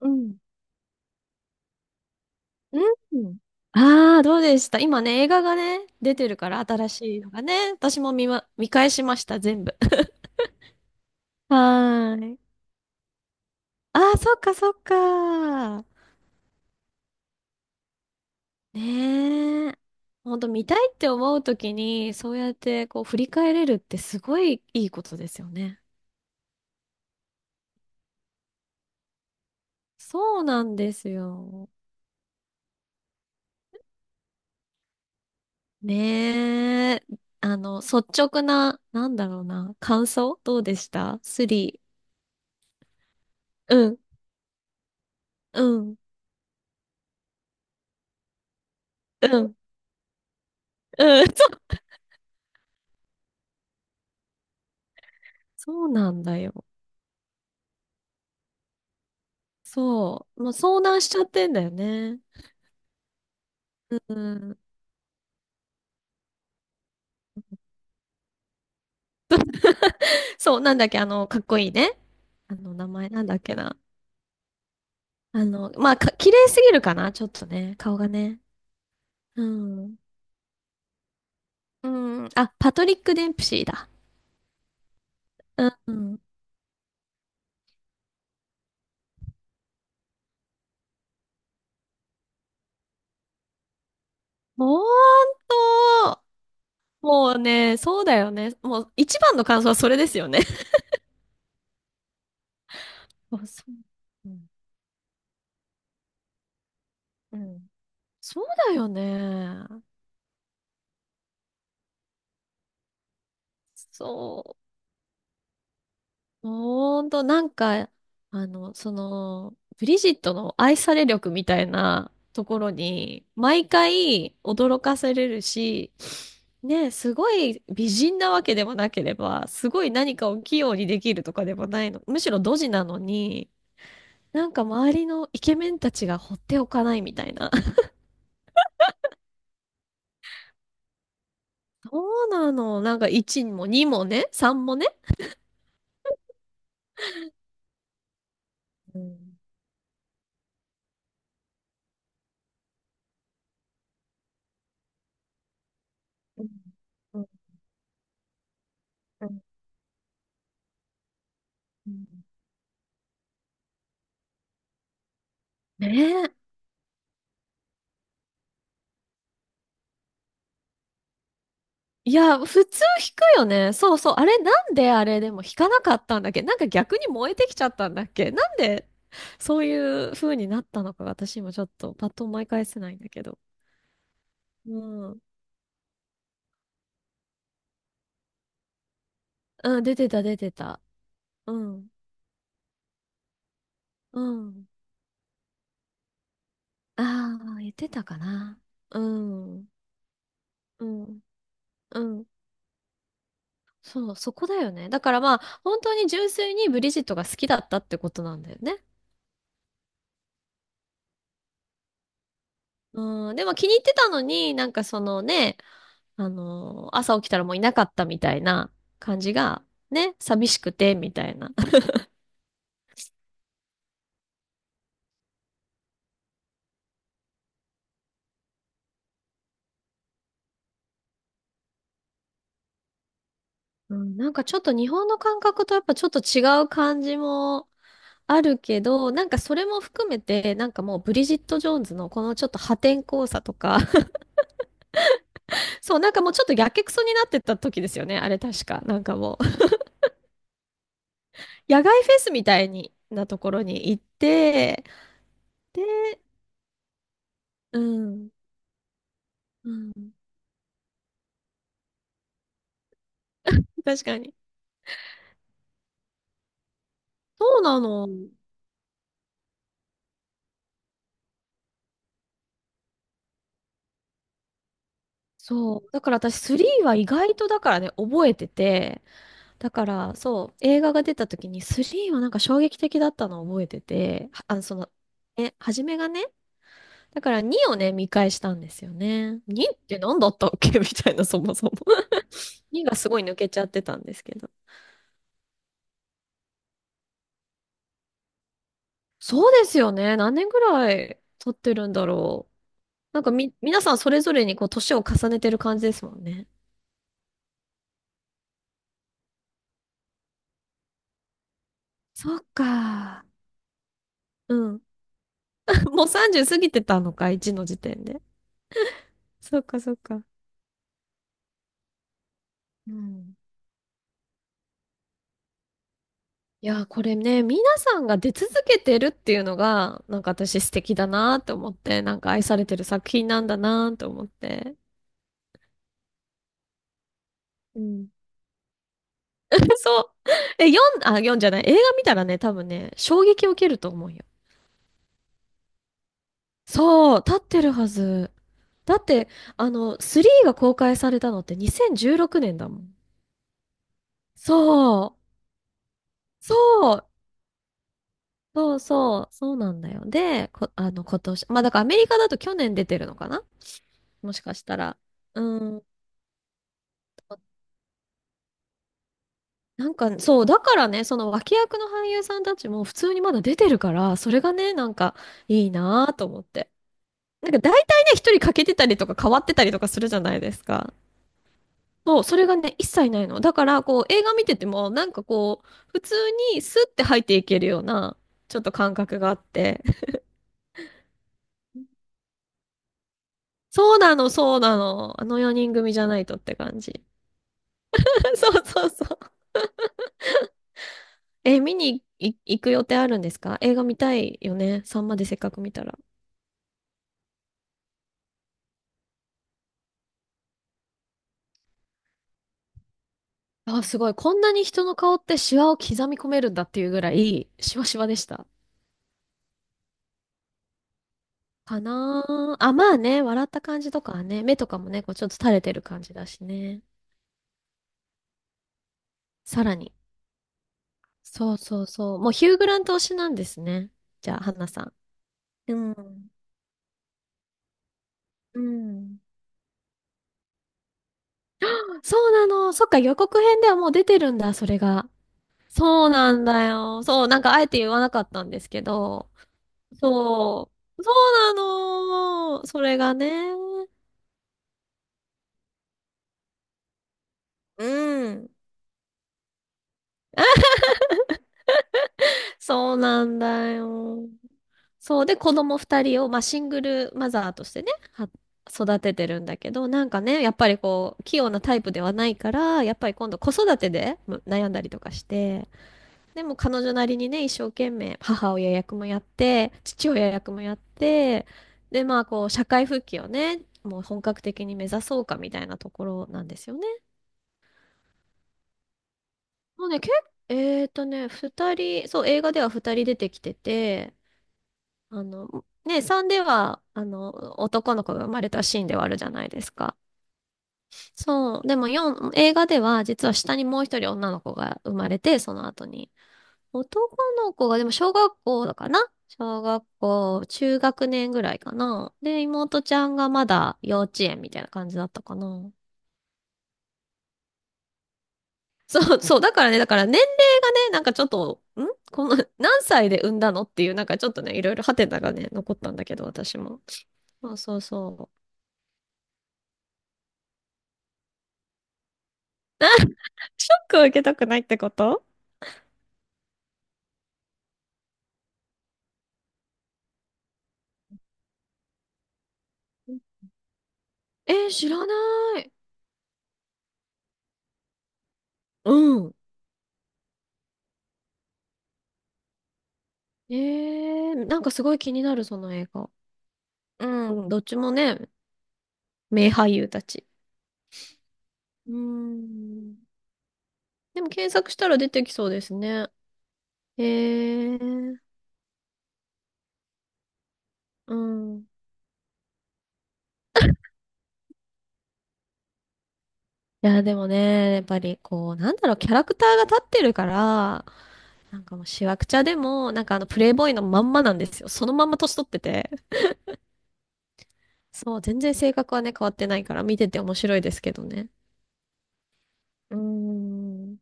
うん。うん。ああ、どうでした？今ね、映画がね、出てるから、新しいのがね。私も見返しました、全部。はーい。ああ、そっか、そっか。ねえ。ほんと、見たいって思うときに、そうやって、こう、振り返れるってすごいいいことですよね。そうなんですよ。ねえ。率直な、なんだろうな、感想どうでした、スリー。うん、うん、うん、うん。そうそうなんだよ。そう。もう遭難しちゃってんだよね。うん。そう、なんだっけ、あの、かっこいいね。あの、名前なんだっけな。あの、まあ、綺麗すぎるかな、ちょっとね、顔がね。うん。うん。あ、パトリック・デンプシーだ。うん。ほんと、もうね、そうだよね。もう、一番の感想はそれですよね。あ、そう。うん。うん、そうだよね。そう。ほんと、なんか、あの、その、ブリジットの愛され力みたいなところに、毎回驚かされるし、ね、すごい美人なわけでもなければ、すごい何かを器用にできるとかでもないの。むしろドジなのに、なんか周りのイケメンたちが放っておかないみたいな。そうなの。なんか1も2もね、3もね。うん、うん、うん、うん、ねえ。いや、普通弾くよね。そうそう。あれ、なんであれでも弾かなかったんだっけ、なんか逆に燃えてきちゃったんだっけ、なんでそういう風になったのか私今ちょっとパッと思い返せないんだけど。うん。うん、出てた、出てた。うん。うん。ああ、言ってたかな。うん。うん。うん。そう、そこだよね。だからまあ、本当に純粋にブリジットが好きだったってことなんだよね。うん。でも気に入ってたのに、なんかそのね、朝起きたらもういなかったみたいな感じが、ね、寂しくて、みたいな。うん、なんかちょっと日本の感覚とやっぱちょっと違う感じもあるけど、なんかそれも含めて、なんかもうブリジット・ジョーンズのこのちょっと破天荒さとか、そう、なんかもうちょっとやけくそになってた時ですよね、あれ確か。なんかもう、野外フェスみたいになところに行って、で、うん、うん、確かに。そうなの。そう。だから私3は意外とだからね、覚えてて、だからそう、映画が出た時に3はなんか衝撃的だったのを覚えてて、あの、その、え、初めがね、だから2をね、見返したんですよね。2って何だったっけ みたいな、そもそも。 2がすごい抜けちゃってたんですけど。そうですよね。何年ぐらい経ってるんだろう。なんかみ、皆さんそれぞれにこう、年を重ねてる感じですもんね。そっか。うん。もう30過ぎてたのか、1の時点で。そうか、そうか。うん。いやー、これね、皆さんが出続けてるっていうのが、なんか私素敵だなと思って、なんか愛されてる作品なんだなと思って。うん。そう。え、あ、読んじゃない。映画見たらね、多分ね、衝撃を受けると思うよ。そう、立ってるはず。だって、あの、3が公開されたのって2016年だもん。そう、そう、そうそう、そうなんだよ。で、あの、今年、まあだからアメリカだと去年出てるのかなもしかしたら。うん。なんか、そう、だからね、その脇役の俳優さんたちも普通にまだ出てるから、それがね、なんかいいなぁと思って。なんか大体ね、一人欠けてたりとか変わってたりとかするじゃないですか。そう、それがね、一切ないの。だから、こう、映画見てても、なんかこう、普通にスッて入っていけるような、ちょっと感覚があって。そうなの、そうなの。あの4人組じゃないとって感じ。そうそうそう。え、見に行く予定あるんですか？映画見たいよね。さんまでせっかく見たら。あ、すごい。こんなに人の顔ってシワを刻み込めるんだっていうぐらい、シワシワでした。かなーあ、まあね、笑った感じとかはね、目とかもね、こうちょっと垂れてる感じだしね。さらに。そうそうそう。もうヒュー・グラント推しなんですね。じゃあ、ハンナさん。うん。うん。そうなの。そっか、予告編ではもう出てるんだ、それが。そうなんだよ。そう、なんかあえて言わなかったんですけど、そう。そうなの。それがね。うん。そうなんだよ。そう。で、子供二人を、まあ、シングルマザーとしてね、は育ててるんだけど、なんかね、やっぱりこう、器用なタイプではないから、やっぱり今度子育てで悩んだりとかして、でも彼女なりにね、一生懸命母親役もやって、父親役もやって、で、まあこう、社会復帰をね、もう本格的に目指そうかみたいなところなんですよね。もうね、二人、そう、映画では二人出てきてて、あの、ね、3では、あの、男の子が生まれたシーンではあるじゃないですか。そう、でも四映画では、実は下にもう一人女の子が生まれて、その後に。男の子が、でも小学校かな、小学校、中学年ぐらいかな。で、妹ちゃんがまだ幼稚園みたいな感じだったかな。そう、そう、だからね、だから年齢がね、なんかちょっと、この、何歳で産んだのっていう、なんかちょっとね、いろいろハテナがね、残ったんだけど、私も。そうそうそう。ショックを受けたくないってこと？えー、知らない。うん。えー、なんかすごい気になる、その映画。うん、どっちもね、名俳優たち。うん。でも検索したら出てきそうですね。えー、うん。いや、でもね、やっぱりこう、なんだろう、キャラクターが立ってるから、なんかもうしわくちゃでも、なんかあのプレイボーイのまんまなんですよ。そのまんま年取ってて。そう、全然性格はね、変わってないから見てて面白いですけどね。うーん。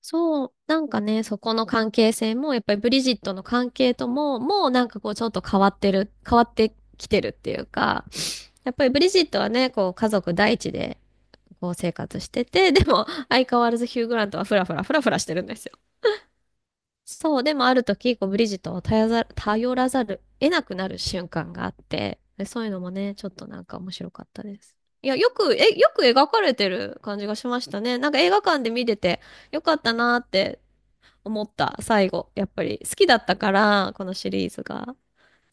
そう、なんかね、そこの関係性も、やっぱりブリジットの関係とも、もうなんかこうちょっと変わってる、変わってきてるっていうか、やっぱりブリジットはね、こう家族第一で、こう生活してて、でも相変わらずヒュー・グラントはフラフラフラフラしてるんですよ。そう、でもある時、こう、ブリジットを頼らざる、得なくなる瞬間があって、でそういうのもね、ちょっとなんか面白かったです。いや、よく描かれてる感じがしましたね。なんか映画館で見てて、よかったなーって思った、最後。やっぱり好きだったから、このシリーズが。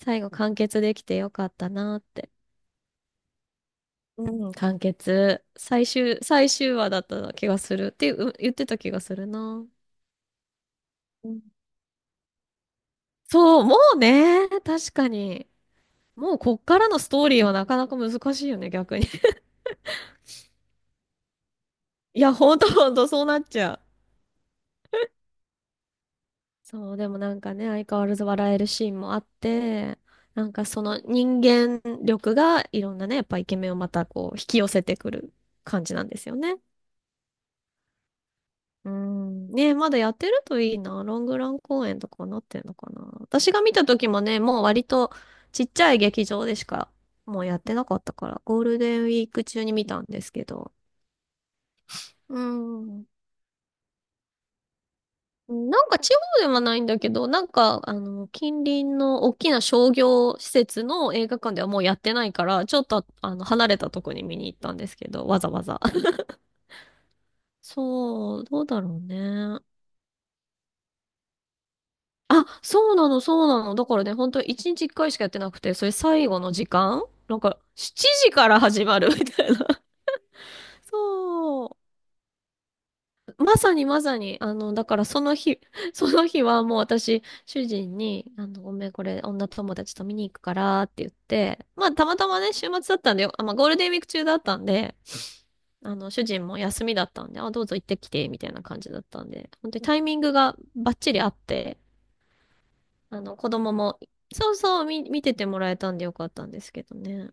最後完結できてよかったなーって。うん、完結。最終話だった気がするっていう、言ってた気がするな。うん、そう、もうね、確かに。もうこっからのストーリーはなかなか難しいよね、逆に。いや、ほんとほんと、そうなっちゃう。そう、でもなんかね、相変わらず笑えるシーンもあって、なんかその人間力がいろんなね、やっぱイケメンをまたこう引き寄せてくる感じなんですよね。うん。ね、まだやってるといいな。ロングラン公演とかなってんのかな。私が見た時もね、もう割とちっちゃい劇場でしかもうやってなかったから、ゴールデンウィーク中に見たんですけど。うん。なんか地方ではないんだけど、なんか、あの、近隣の大きな商業施設の映画館ではもうやってないから、ちょっと、あの、離れたとこに見に行ったんですけど、わざわざ。そう、どうだろうね。あ、そうなの、そうなの。だからね、本当に1日1回しかやってなくて、それ最後の時間なんか、7時から始まるみたいな。そう。まさにまさに、あの、だからその日、その日はもう私、主人に、あの、ごめん、これ、女友達と見に行くからって言って、まあ、たまたまね、週末だったんでよ、あ、まあ、ゴールデンウィーク中だったんで、あの、主人も休みだったんで、あ、どうぞ行ってきて、みたいな感じだったんで、本当にタイミングがバッチリあって、あの、子供も、そうそう、見ててもらえたんでよかったんですけどね。